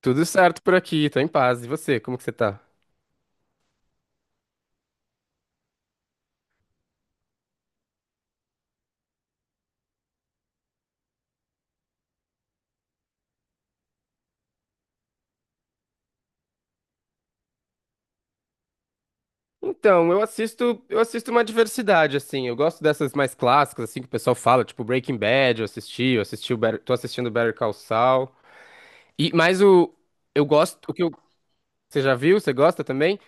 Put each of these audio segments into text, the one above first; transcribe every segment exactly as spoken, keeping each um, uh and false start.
Tudo certo por aqui, tô em paz. E você, como que você tá? Então, eu assisto, eu assisto uma diversidade, assim. Eu gosto dessas mais clássicas, assim, que o pessoal fala, tipo Breaking Bad, eu assisti, eu assisti o Better, tô assistindo Better Call Saul. E, mas o, eu gosto, o que eu, Você já viu? Você gosta também?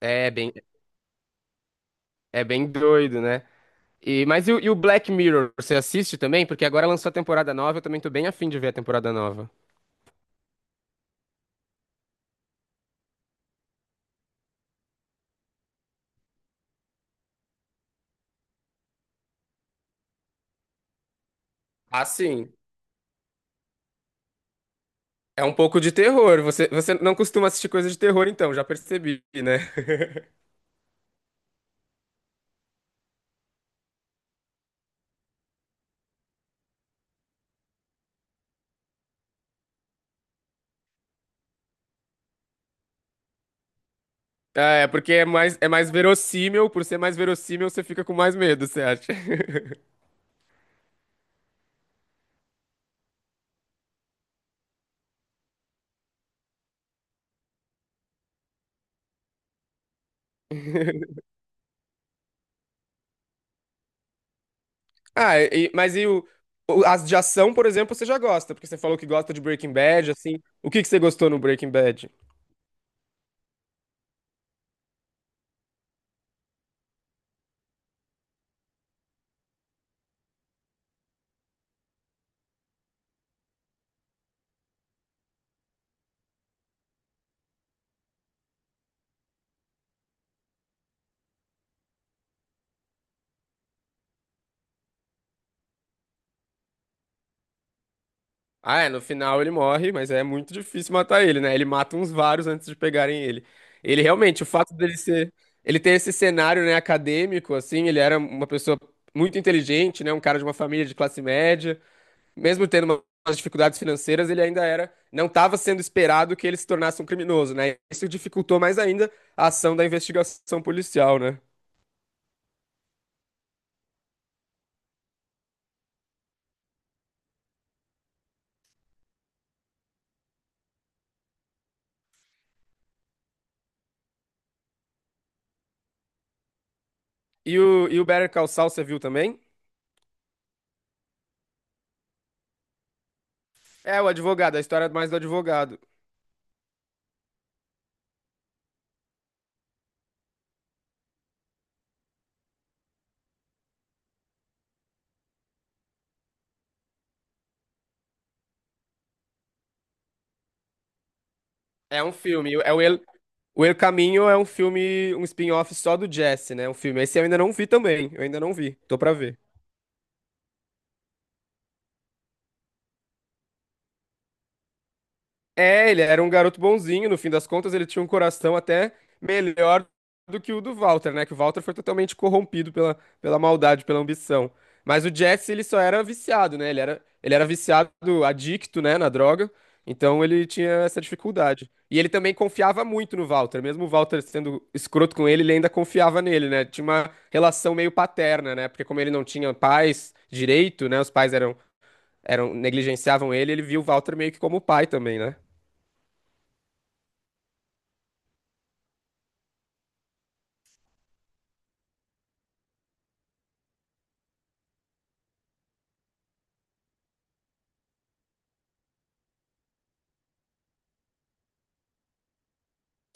É bem, É bem doido, né? E, mas e, o- e o Black Mirror, você assiste também? Porque agora lançou a temporada nova, eu também tô bem afim de ver a temporada nova. Assim. É um pouco de terror. Você, você não costuma assistir coisa de terror, então, já percebi, né? É, porque é mais, é mais verossímil, por ser mais verossímil, você fica com mais medo, você acha? Ah, e- mas e o, o- As de ação, por exemplo, você já gosta, porque você falou que gosta de Breaking Bad, assim. O que que você gostou no Breaking Bad? Ah, é, no final ele morre, mas é muito difícil matar ele, né? Ele mata uns vários antes de pegarem ele. Ele realmente, o fato dele ser, ele ter esse cenário, né, acadêmico, assim, ele era uma pessoa muito inteligente, né, um cara de uma família de classe média, mesmo tendo uma- umas dificuldades financeiras, ele ainda era, não estava sendo esperado que ele se tornasse um criminoso, né? Isso dificultou mais ainda a ação da investigação policial, né? E o, e o Better Call Saul, você viu também? É o advogado, a história mais do advogado. É um filme, é o El- O El Caminho é um filme, um spin-off só do Jesse, né? Um filme. Esse eu ainda não vi também. Eu ainda não vi. Tô pra ver. É, ele era um garoto bonzinho, no fim das contas, ele tinha um coração até melhor do que o do Walter, né? Que o Walter foi totalmente corrompido pela, pela maldade, pela ambição. Mas o Jesse, ele só era viciado, né? Ele era, ele era viciado, adicto, né, na droga. Então ele tinha essa dificuldade. E ele também confiava muito no Walter, mesmo o Walter sendo escroto com ele, ele ainda confiava nele, né? Tinha uma relação meio paterna, né? Porque como ele não tinha pais direito, né? Os pais eram, eram negligenciavam ele, ele viu o Walter meio que como pai também, né?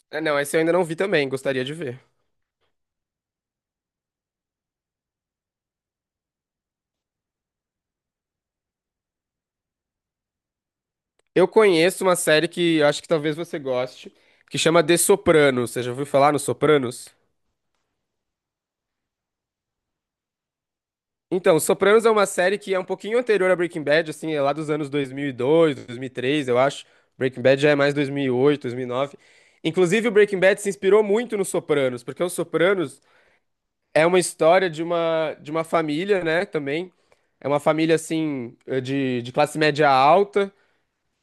É, não, esse eu ainda não vi também, gostaria de ver. Eu conheço uma série que eu acho que talvez você goste, que chama The Sopranos. Você já ouviu falar no Sopranos? Então, Sopranos é uma série que é um pouquinho anterior a Breaking Bad, assim, é lá dos anos dois mil e dois, dois mil e três, eu acho. Breaking Bad já é mais dois mil e oito, dois mil e nove. Inclusive, o Breaking Bad se inspirou muito no Sopranos, porque o Sopranos é uma história de uma, de uma família, né, também. É uma família, assim, eh, de, de classe média alta,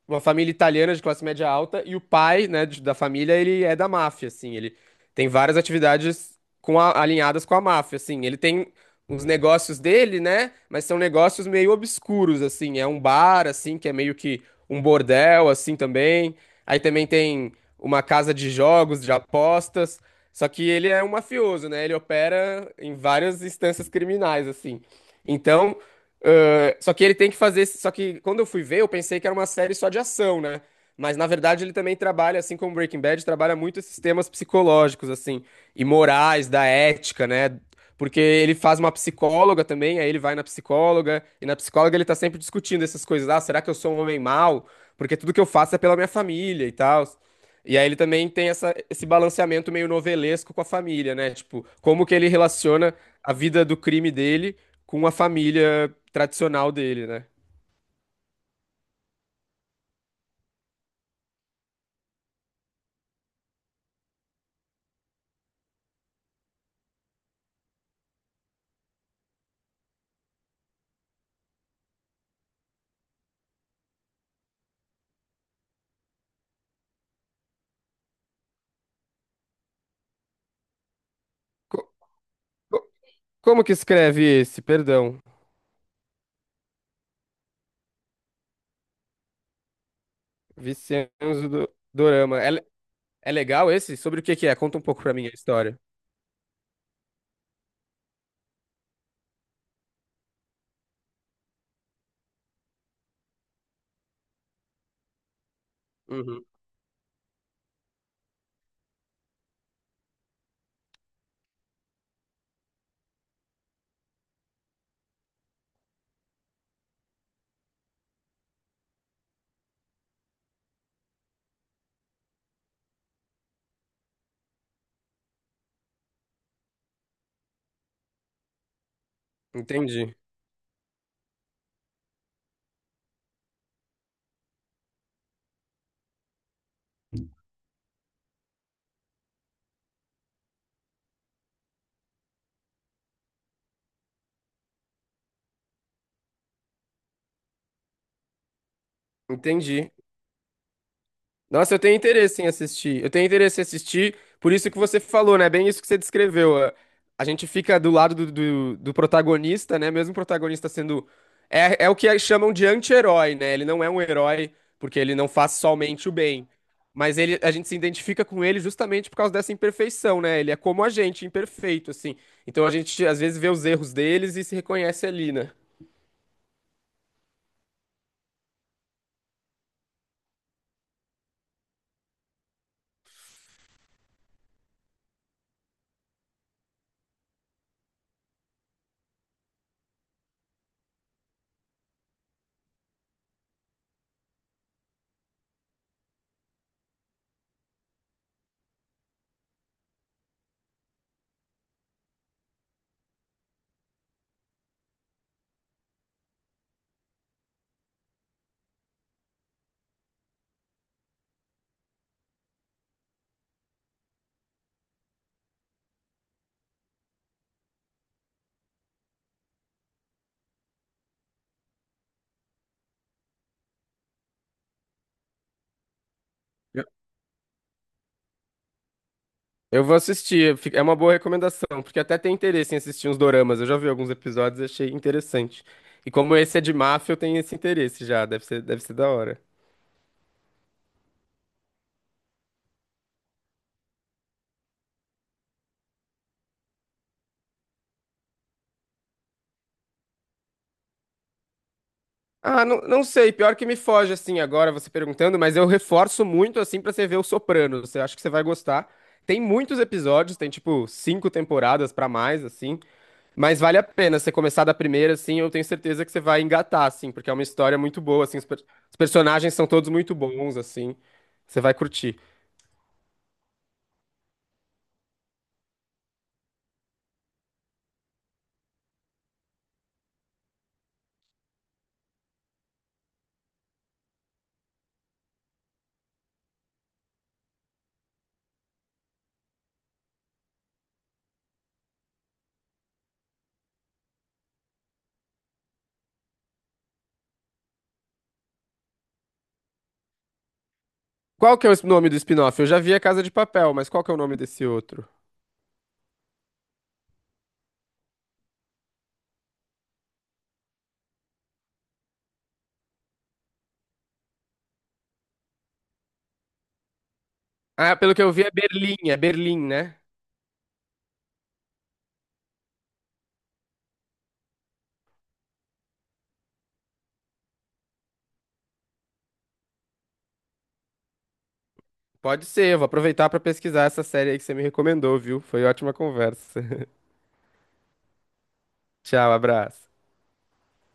uma família italiana de classe média alta, e o pai, né, de- da família, ele é da máfia, assim, ele tem várias atividades com a- alinhadas com a máfia, assim, ele tem uns negócios dele, né, mas são negócios meio obscuros, assim, é um bar, assim, que é meio que um bordel, assim, também, aí também tem uma casa de jogos, de apostas, só que ele é um mafioso, né, ele opera em várias instâncias criminais, assim, então... Ah, só que ele tem que fazer. Só que quando eu fui ver, eu pensei que era uma série só de ação, né? Mas na verdade ele também trabalha, assim como Breaking Bad, trabalha muito esses temas psicológicos, assim, e morais, da ética, né? Porque ele faz uma psicóloga também, aí ele vai na psicóloga, e na psicóloga ele tá sempre discutindo essas coisas. Ah, será que eu sou um homem mau? Porque tudo que eu faço é pela minha família e tal. E aí ele também tem essa, esse balanceamento meio novelesco com a família, né? Tipo, como que ele relaciona a vida do crime dele com a família tradicional dele, né? Co- co- como que escreve esse? Perdão. Vincenzo do Dorama. É, le- é legal esse? Sobre o que que é? Conta um pouco pra mim a história. Uhum. Entendi. Entendi. Nossa, eu tenho interesse em assistir. Eu tenho interesse em assistir, por isso que você falou, né? Bem isso que você descreveu. A a gente fica do lado do, do, do protagonista, né? Mesmo o protagonista sendo. É, é o que chamam de anti-herói, né? Ele não é um herói, porque ele não faz somente o bem. Mas ele, a gente se identifica com ele justamente por causa dessa imperfeição, né? Ele é como a gente, imperfeito, assim. Então a gente às vezes vê os erros deles e se reconhece ali, né? Eu vou assistir, fi- é uma boa recomendação, porque até tem interesse em assistir uns doramas. Eu já vi alguns episódios e achei interessante. E como esse é de máfia, eu tenho esse interesse já, deve ser, deve ser da hora. Ah, não, não sei, pior que me foge assim agora você perguntando, mas eu reforço muito assim pra você ver o Sopranos. Eu acho que você vai gostar. Tem muitos episódios, tem tipo cinco temporadas pra mais assim, mas vale a pena você começar da primeira assim, eu tenho certeza que você vai engatar assim, porque é uma história muito boa assim, os, per- os personagens são todos muito bons assim. Você vai curtir. Qual que é o es- nome do spin-off? Eu já vi A Casa de Papel, mas qual que é o nome desse outro? Ah, pelo que eu vi é Berlim, é Berlim, né? Pode ser, eu vou aproveitar pra pesquisar essa série aí que você me recomendou, viu? Foi ótima conversa. Tchau, abraço.